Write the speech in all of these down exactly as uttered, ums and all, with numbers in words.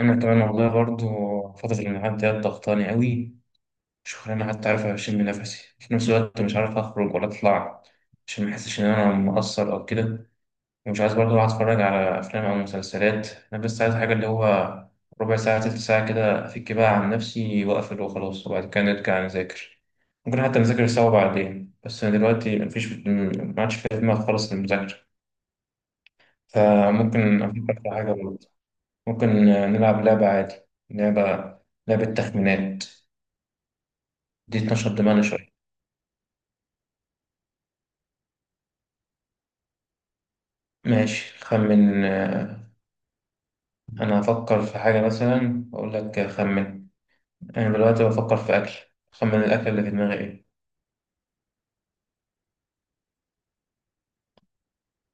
انا كمان والله برضو. فترة الامتحانات دي ضغطاني قوي. مش انا حتى عارف اشم نفسي، في نفس الوقت مش عارف اخرج ولا اطلع عشان ما احسش ان انا مقصر او كده. ومش عايز برضو اقعد اتفرج على افلام او مسلسلات. انا بس عايز حاجة اللي هو ربع ساعة تلت ساعة كده افك بقى عن نفسي واقفل وخلاص، وبعد كده نرجع نذاكر. ممكن حتى نذاكر سوا بعدين، بس انا دلوقتي مفيش ما عادش في دماغي خالص المذاكرة. فممكن افكر في حاجة. ممكن نلعب لعبة عادي. لعبة، لعبة تخمينات. دي تنشط دماغنا شوية. ماشي خمن، آه، أنا هفكر في حاجة مثلا وأقول لك خمن. أنا دلوقتي بفكر في أكل. خمن الأكل اللي في دماغي إيه؟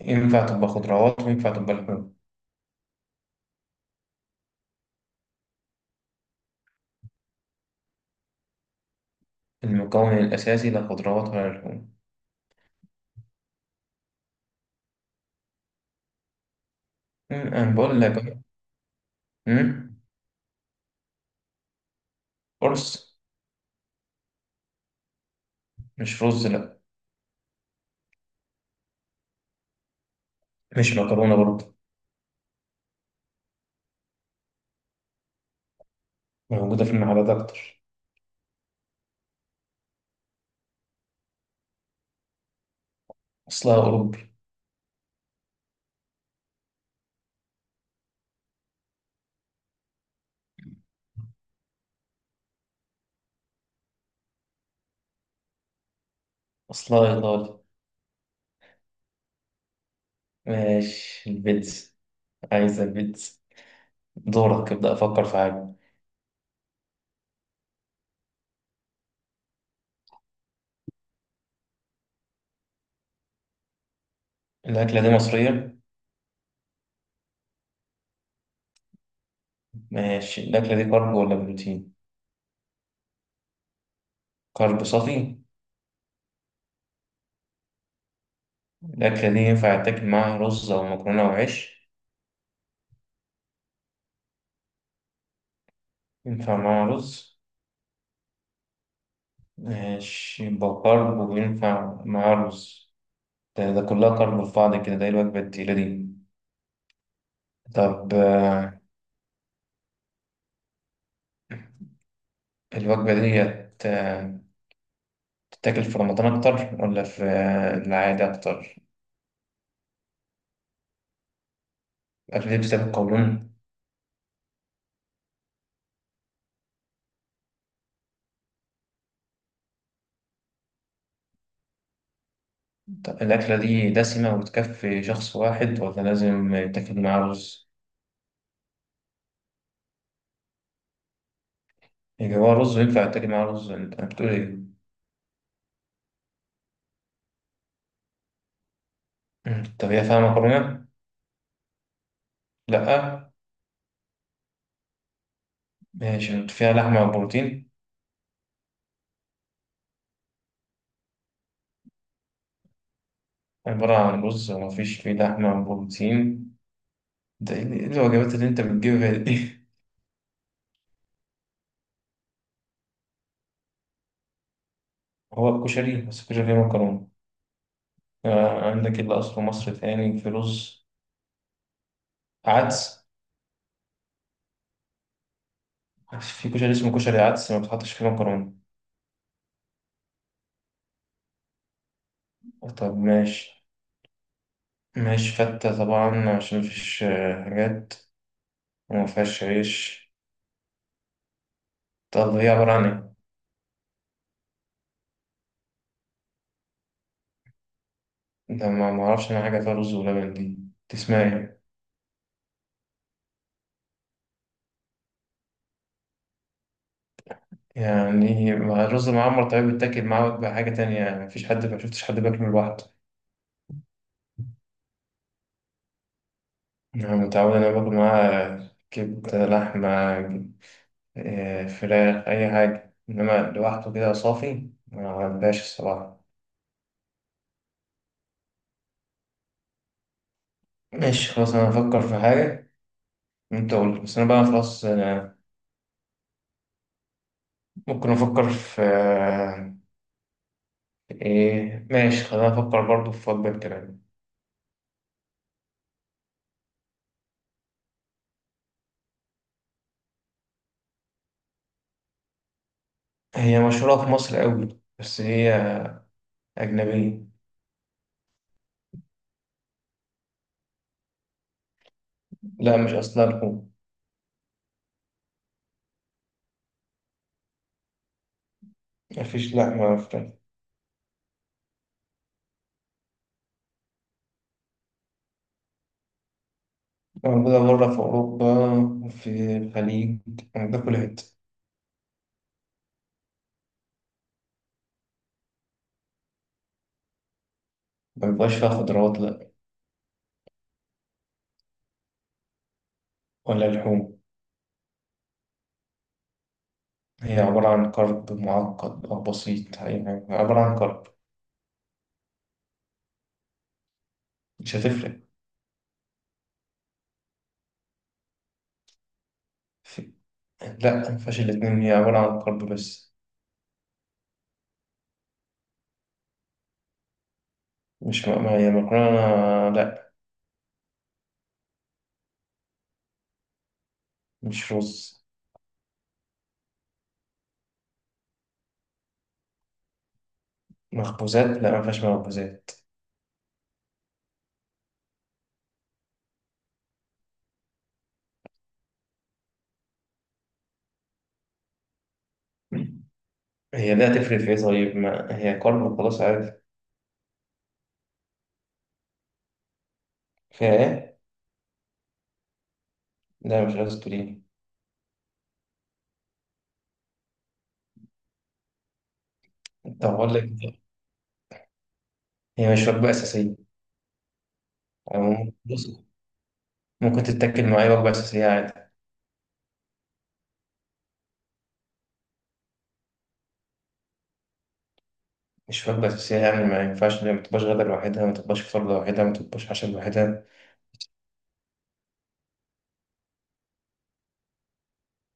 ينفع تبقى خضروات وينفع تبقى لحوم. المكون الأساسي لا خضروات ولا لحوم. مم، أنا بقول لك. مم، رز؟ مش رز، لأ. مش مكرونة برضه. موجودة في المحلات أكتر. أصلها أوروبي. أصلها إيطالي. ماشي، البيتزا. عايزة البيتزا. دورك، ابدأ أفكر في حاجة. الأكلة دي مصرية. ماشي، الأكلة دي كارب ولا بروتين؟ كارب صافي. الأكلة دي ينفع تاكل معاها رز أو مكرونة أو عيش؟ ينفع معاها رز. ماشي، يبقى كارب وينفع معاها رز. ده, ده كلها كارب في بعض كده، ده إيه الوجبة التقيلة دي؟ طب آه، الوجبة دي تتاكل في رمضان أكتر ولا في آه، العادي أكتر؟ الأكلة دي بتستهلك قولون؟ طب الأكلة دي دسمة وتكفي شخص واحد ولا لازم يتاكل معاه رز؟ يجي هو رز وينفع يتاكل معاه رز، أنت أنا بتقول إيه؟ مم. طب هي فيها مكرونة؟ لأ. ماشي، أنت فيها لحمة وبروتين؟ عبارة عن رز ومفيش فيه لحمة وبروتين؟ ده إيه إيه الوجبات اللي أنت بتجيبها دي؟ هو الكشري، بس الكشري فيه مكرونة. آه، عندك اللي أصله مصر تاني في رز. عدس. في كشري اسمه كشري عدس ما بتحطش فيه مكرونة. طب ماشي. مش فتة طبعا عشان مفيش آه، حاجات وما فيهاش عيش. طب هي عبارة عن ايه؟ ده ما معرفش أنا حاجة فيها رز ولبن دي. تسمع ايه؟ يعني مع الرز معمر؟ طيب بيتاكل معاه بقى حاجة تانية يعني، مفيش حد، ما شفتش حد بياكله لوحده. أنا متعود أنا باكل معاه كبدة، لحمة، آه، فراخ، أي حاجة، إنما لوحده كده صافي ما عندهاش الصراحة. ماشي خلاص، أنا هفكر في حاجة. أنت قول بس، أنا بقى خلاص أنا. ممكن أفكر في آه، إيه، ماشي خلينا نفكر برضو في وجبة كمان. هي مشهورة في مصر قوي، بس هي أجنبية. لا مش أصلها لحوم. مفيش لحمة ولا فراخ. موجودة بره في أوروبا، في الخليج. موجودة في كل حتة. مبيبقاش فيها خضروات، لأ. ولا لحوم. هي عبارة عن كرب معقد أو بسيط يعني؟ عبارة عن كرب. مش هتفرق. في... لأ، مفيهاش الاتنين، هي عبارة عن كرب بس. مش م... ما هي مكرونة، لأ. مش رز. مخبوزات، لأ مفيهاش مخبوزات. هي ده هتفرق في ايه؟ طيب ما هي كارب خلاص، عادي. فيها ايه؟ لا مش عايز تقولي. طب اقول لك إيه؟ هي مش وجبة أساسية يعني. بص، ممكن تتاكل معايا وجبة أساسية عادي. مش وجبة أساسية يعني، ما ينفعش ما تبقاش غدا لوحدها، ما تبقاش فطار لوحدها، ما تبقاش عشاء لوحدها.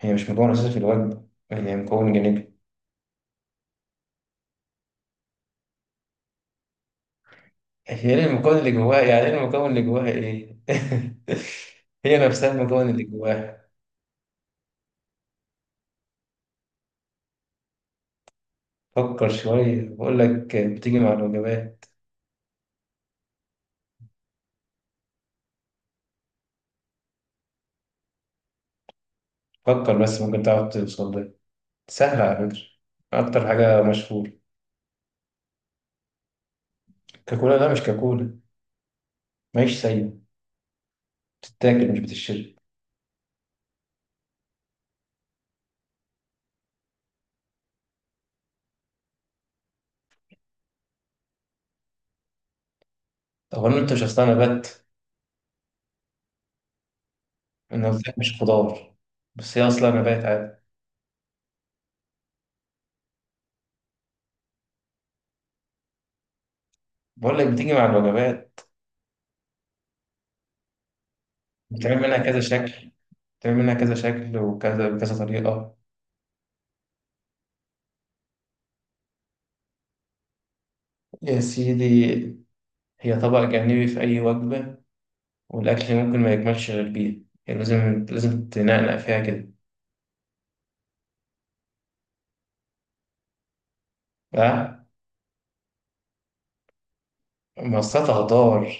هي مش مكون أساسي في الوجبة، هي مكون جانبي. هي ايه المكون اللي جواها يعني؟ ايه المكون اللي جواها ايه؟ هي نفسها المكون اللي جواها. فكر شوية، بقول لك بتيجي مع الوجبات. فكر، بس ممكن تعرف توصل. سهلة على فكرة، أكتر حاجة مشهورة. كاكولا؟ لا مش كاكولا. ماهيش سايبة، بتتاكل مش بتتشرب. أولا أنت، مش أصلها نبات. أنا قلت لك مش خضار، بس هي أصلها نبات عادي. بقول لك بتيجي مع الوجبات. بتعمل منها كذا شكل، بتعمل منها كذا شكل وكذا بكذا طريقة. يا سيدي، هي طبق جانبي في أي وجبة، والأكل ممكن ما يكملش غير بيها، يعني لازم لازم تنقنق فيها كده. أه؟ ما أصلها خضار.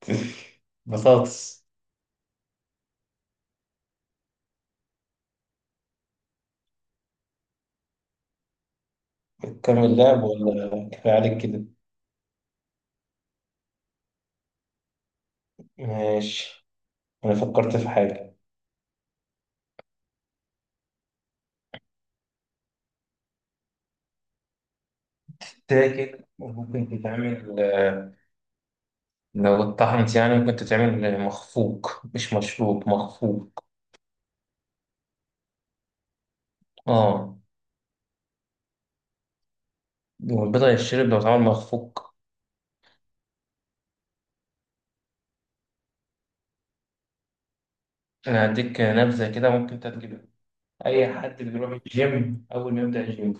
بطاطس. بتكمل اللعب ولا كفاية عليك كده؟ ماشي، أنا فكرت في حاجة. تاكل، وممكن تتعمل آه، لو اتطحنت يعني، ممكن تتعمل مخفوق، مش مشروب، مخفوق. اه، والبيضة يتشرب لو اتعمل مخفوق. أنا هديك نبذة كده ممكن أنت تجيبها. أي حد بيروح الجيم، أول ما يبدأ الجيم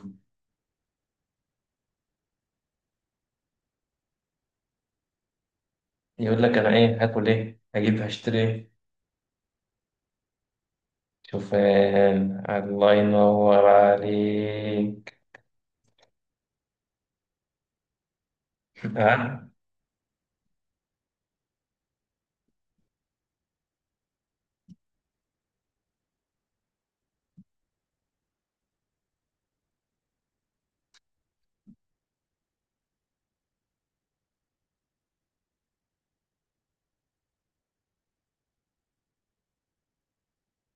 يقول لك أنا إيه هاكل، إيه هجيب، هشتري إيه؟ شوفان. الله ينور عليك. آه.